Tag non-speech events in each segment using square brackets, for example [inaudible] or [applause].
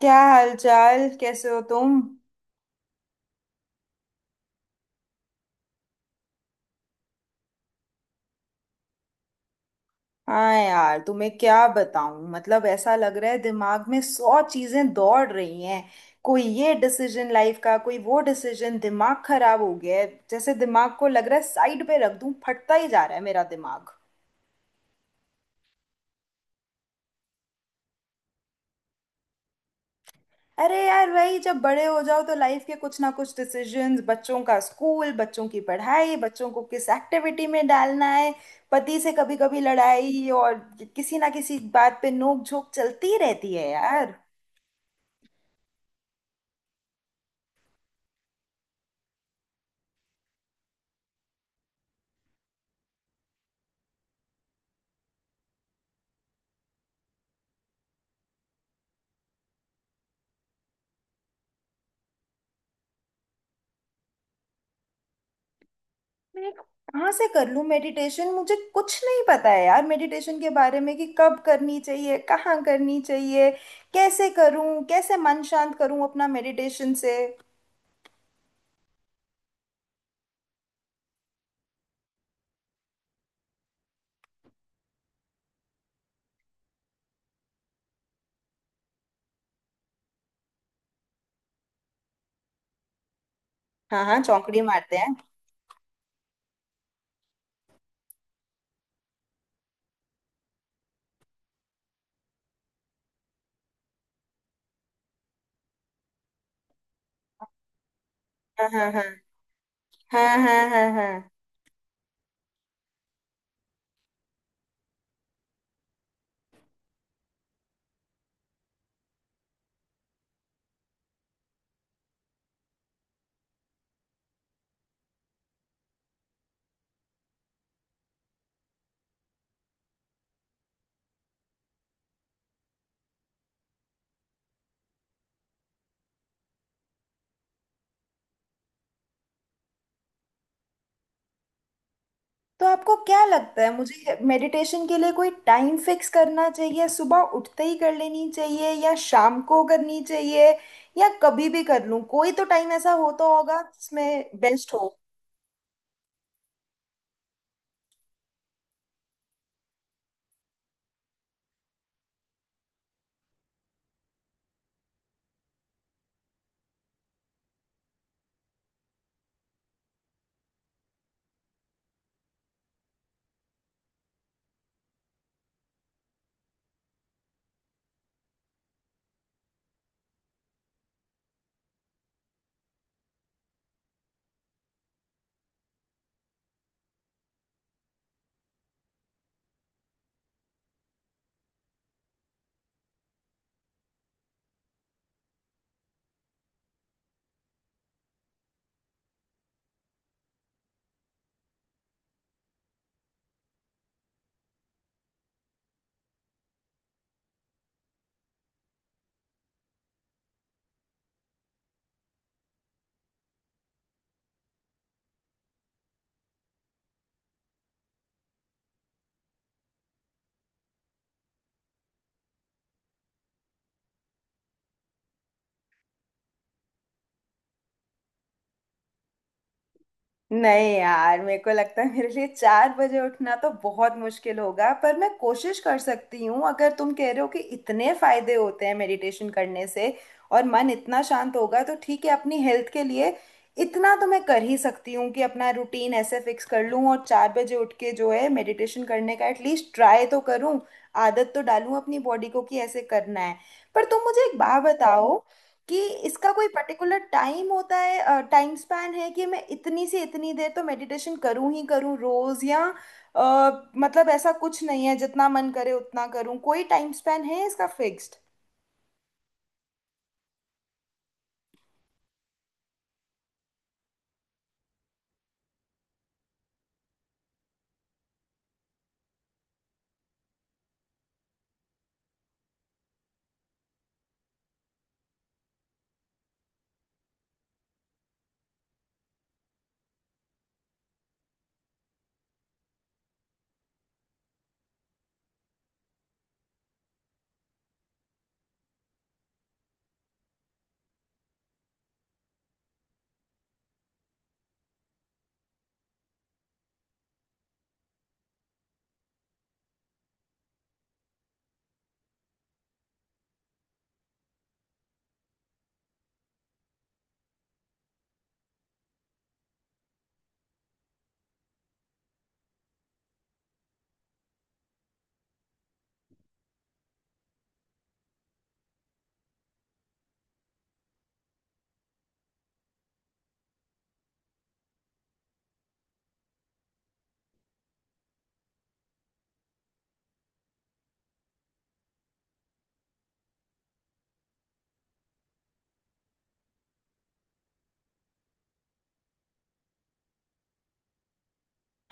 क्या हालचाल, कैसे हो तुम। हाँ यार, तुम्हें क्या बताऊं। ऐसा लग रहा है दिमाग में 100 चीजें दौड़ रही हैं। कोई ये डिसीजन लाइफ का, कोई वो डिसीजन, दिमाग खराब हो गया है। जैसे दिमाग को लग रहा है साइड पे रख दूं, फटता ही जा रहा है मेरा दिमाग। अरे यार, वही, जब बड़े हो जाओ तो लाइफ के कुछ ना कुछ डिसीजंस, बच्चों का स्कूल, बच्चों की पढ़ाई, बच्चों को किस एक्टिविटी में डालना है, पति से कभी कभी लड़ाई, और किसी ना किसी बात पे नोक झोंक चलती रहती है यार। मैं कहाँ से कर लूँ मेडिटेशन। मुझे कुछ नहीं पता है यार मेडिटेशन के बारे में, कि कब करनी चाहिए, कहाँ करनी चाहिए, कैसे करूँ, कैसे मन शांत करूँ अपना मेडिटेशन से। हाँ हाँ, चौकड़ी मारते हैं। हाँ हाँ हाँ। हाँ हाँ हाँ हाँ। तो आपको क्या लगता है, मुझे मेडिटेशन के लिए कोई टाइम फिक्स करना चाहिए? सुबह उठते ही कर लेनी चाहिए या शाम को करनी चाहिए, या कभी भी कर लूं? कोई तो टाइम ऐसा होता होगा जिसमें बेस्ट हो। नहीं यार, मेरे को लगता है मेरे लिए 4 बजे उठना तो बहुत मुश्किल होगा, पर मैं कोशिश कर सकती हूँ। अगर तुम कह रहे हो कि इतने फायदे होते हैं मेडिटेशन करने से और मन इतना शांत होगा, तो ठीक है, अपनी हेल्थ के लिए इतना तो मैं कर ही सकती हूँ कि अपना रूटीन ऐसे फिक्स कर लूँ और 4 बजे उठ के जो है मेडिटेशन करने का एटलीस्ट ट्राई तो करूँ, आदत तो डालूँ अपनी बॉडी को कि ऐसे करना है। पर तुम मुझे एक बात बताओ कि इसका कोई पर्टिकुलर टाइम होता है? टाइम स्पैन है कि मैं इतनी से इतनी देर तो मेडिटेशन करूं ही करूं रोज, या ऐसा कुछ नहीं है, जितना मन करे उतना करूं? कोई टाइम स्पैन है इसका फिक्स्ड?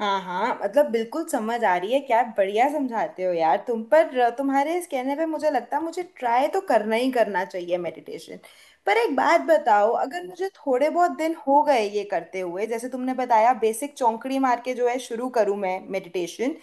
हाँ हाँ, बिल्कुल समझ आ रही है। क्या बढ़िया समझाते हो यार तुम। पर तुम्हारे इस कहने पे मुझे लगता है मुझे ट्राई तो करना ही करना चाहिए मेडिटेशन। पर एक बात बताओ, अगर मुझे थोड़े बहुत दिन हो गए ये करते हुए, जैसे तुमने बताया बेसिक चौंकड़ी मार के जो है शुरू करूँ मैं मेडिटेशन,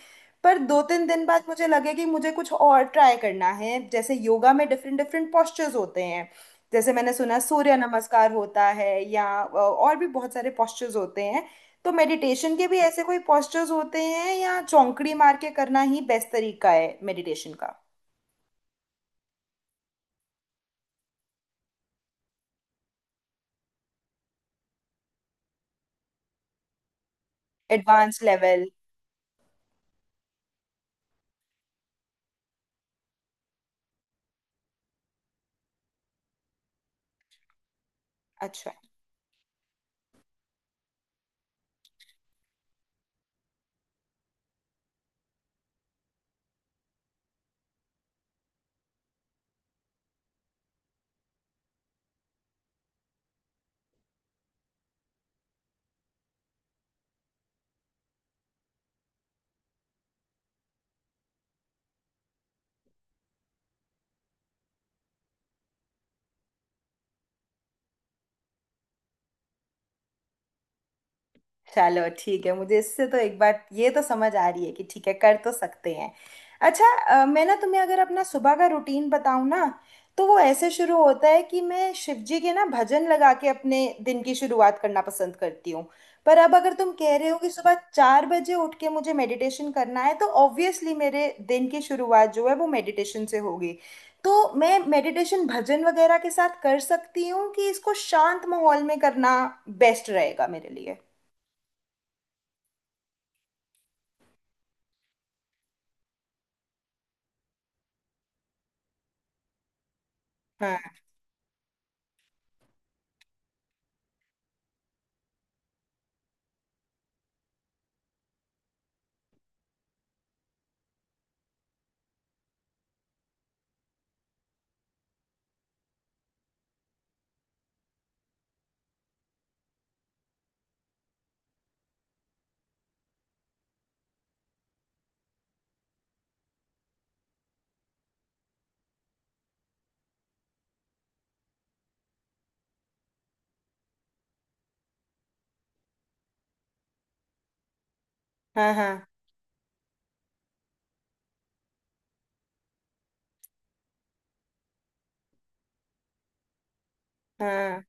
पर 2 3 दिन बाद मुझे लगे कि मुझे कुछ और ट्राई करना है, जैसे योगा में डिफरेंट डिफरेंट पोस्चर्स होते हैं, जैसे मैंने सुना सूर्य नमस्कार होता है या और भी बहुत सारे पोस्चर्स होते हैं, तो मेडिटेशन के भी ऐसे कोई postures होते हैं या चौंकड़ी मार के करना ही बेस्ट तरीका है मेडिटेशन का? Advance level. अच्छा। चलो ठीक है, मुझे इससे तो एक बात ये तो समझ आ रही है कि ठीक है, कर तो सकते हैं। अच्छा, मैं ना तुम्हें अगर अपना सुबह का रूटीन बताऊं ना, तो वो ऐसे शुरू होता है कि मैं शिव जी के ना भजन लगा के अपने दिन की शुरुआत करना पसंद करती हूँ। पर अब अगर तुम कह रहे हो कि सुबह 4 बजे उठ के मुझे मेडिटेशन करना है, तो ऑब्वियसली मेरे दिन की शुरुआत जो है वो मेडिटेशन से होगी। तो मैं मेडिटेशन भजन वगैरह के साथ कर सकती हूँ कि इसको शांत माहौल में करना बेस्ट रहेगा मेरे लिए। हाँ। हाँ हाँ हाँ।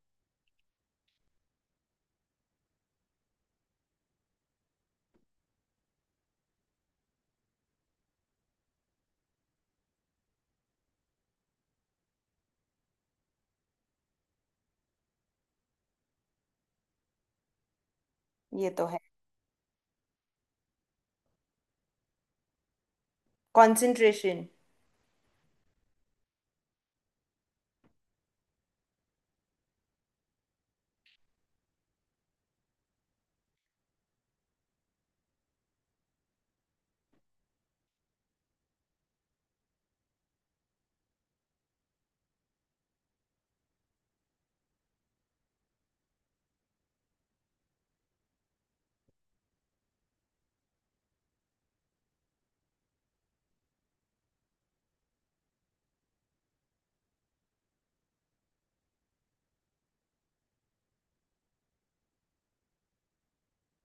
ये तो है। कंसंट्रेशन।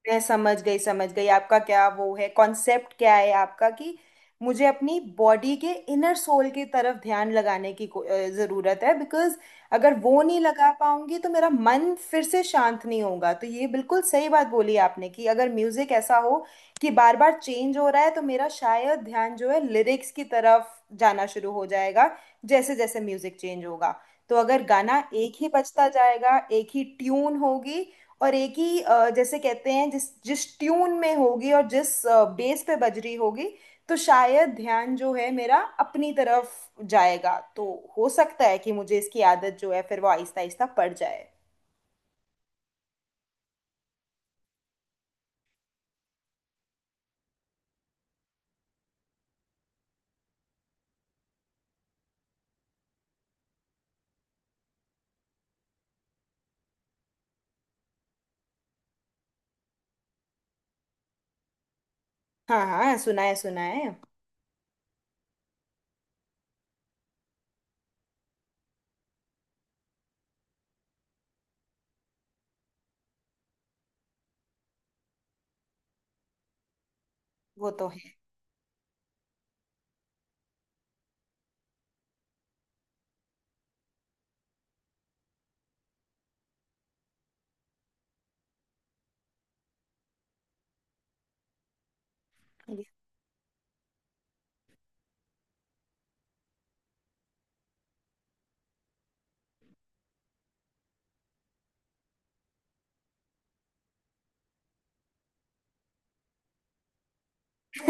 मैं समझ गई, समझ गई आपका क्या वो है, कॉन्सेप्ट क्या है आपका, कि मुझे अपनी बॉडी के इनर सोल की तरफ ध्यान लगाने की जरूरत है, बिकॉज अगर वो नहीं लगा पाऊंगी तो मेरा मन फिर से शांत नहीं होगा। तो ये बिल्कुल सही बात बोली आपने कि अगर म्यूजिक ऐसा हो कि बार बार चेंज हो रहा है, तो मेरा शायद ध्यान जो है लिरिक्स की तरफ जाना शुरू हो जाएगा जैसे जैसे म्यूजिक चेंज होगा। तो अगर गाना एक ही बजता जाएगा, एक ही ट्यून होगी और एक ही, जैसे कहते हैं जिस जिस ट्यून में होगी और जिस बेस पे बज रही होगी, तो शायद ध्यान जो है मेरा अपनी तरफ जाएगा। तो हो सकता है कि मुझे इसकी आदत जो है फिर वो आहिस्ता आहिस्ता पड़ जाए। हाँ हाँ, सुना है सुना है। वो तो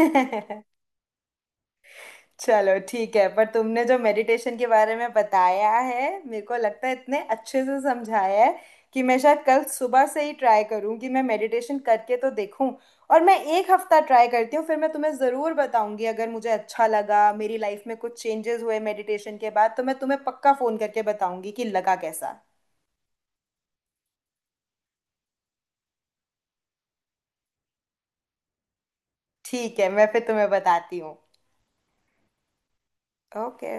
है। [laughs] चलो ठीक है, पर तुमने जो मेडिटेशन के बारे में बताया है मेरे को लगता है इतने अच्छे से समझाया है कि मैं शायद कल सुबह से ही ट्राई करूं कि मैं मेडिटेशन करके तो देखूं। और मैं एक हफ्ता ट्राई करती हूँ, फिर मैं तुम्हें ज़रूर बताऊंगी। अगर मुझे अच्छा लगा, मेरी लाइफ में कुछ चेंजेस हुए मेडिटेशन के बाद, तो मैं तुम्हें पक्का फ़ोन करके बताऊंगी कि लगा कैसा। ठीक है, मैं फिर तुम्हें बताती हूँ। ओके।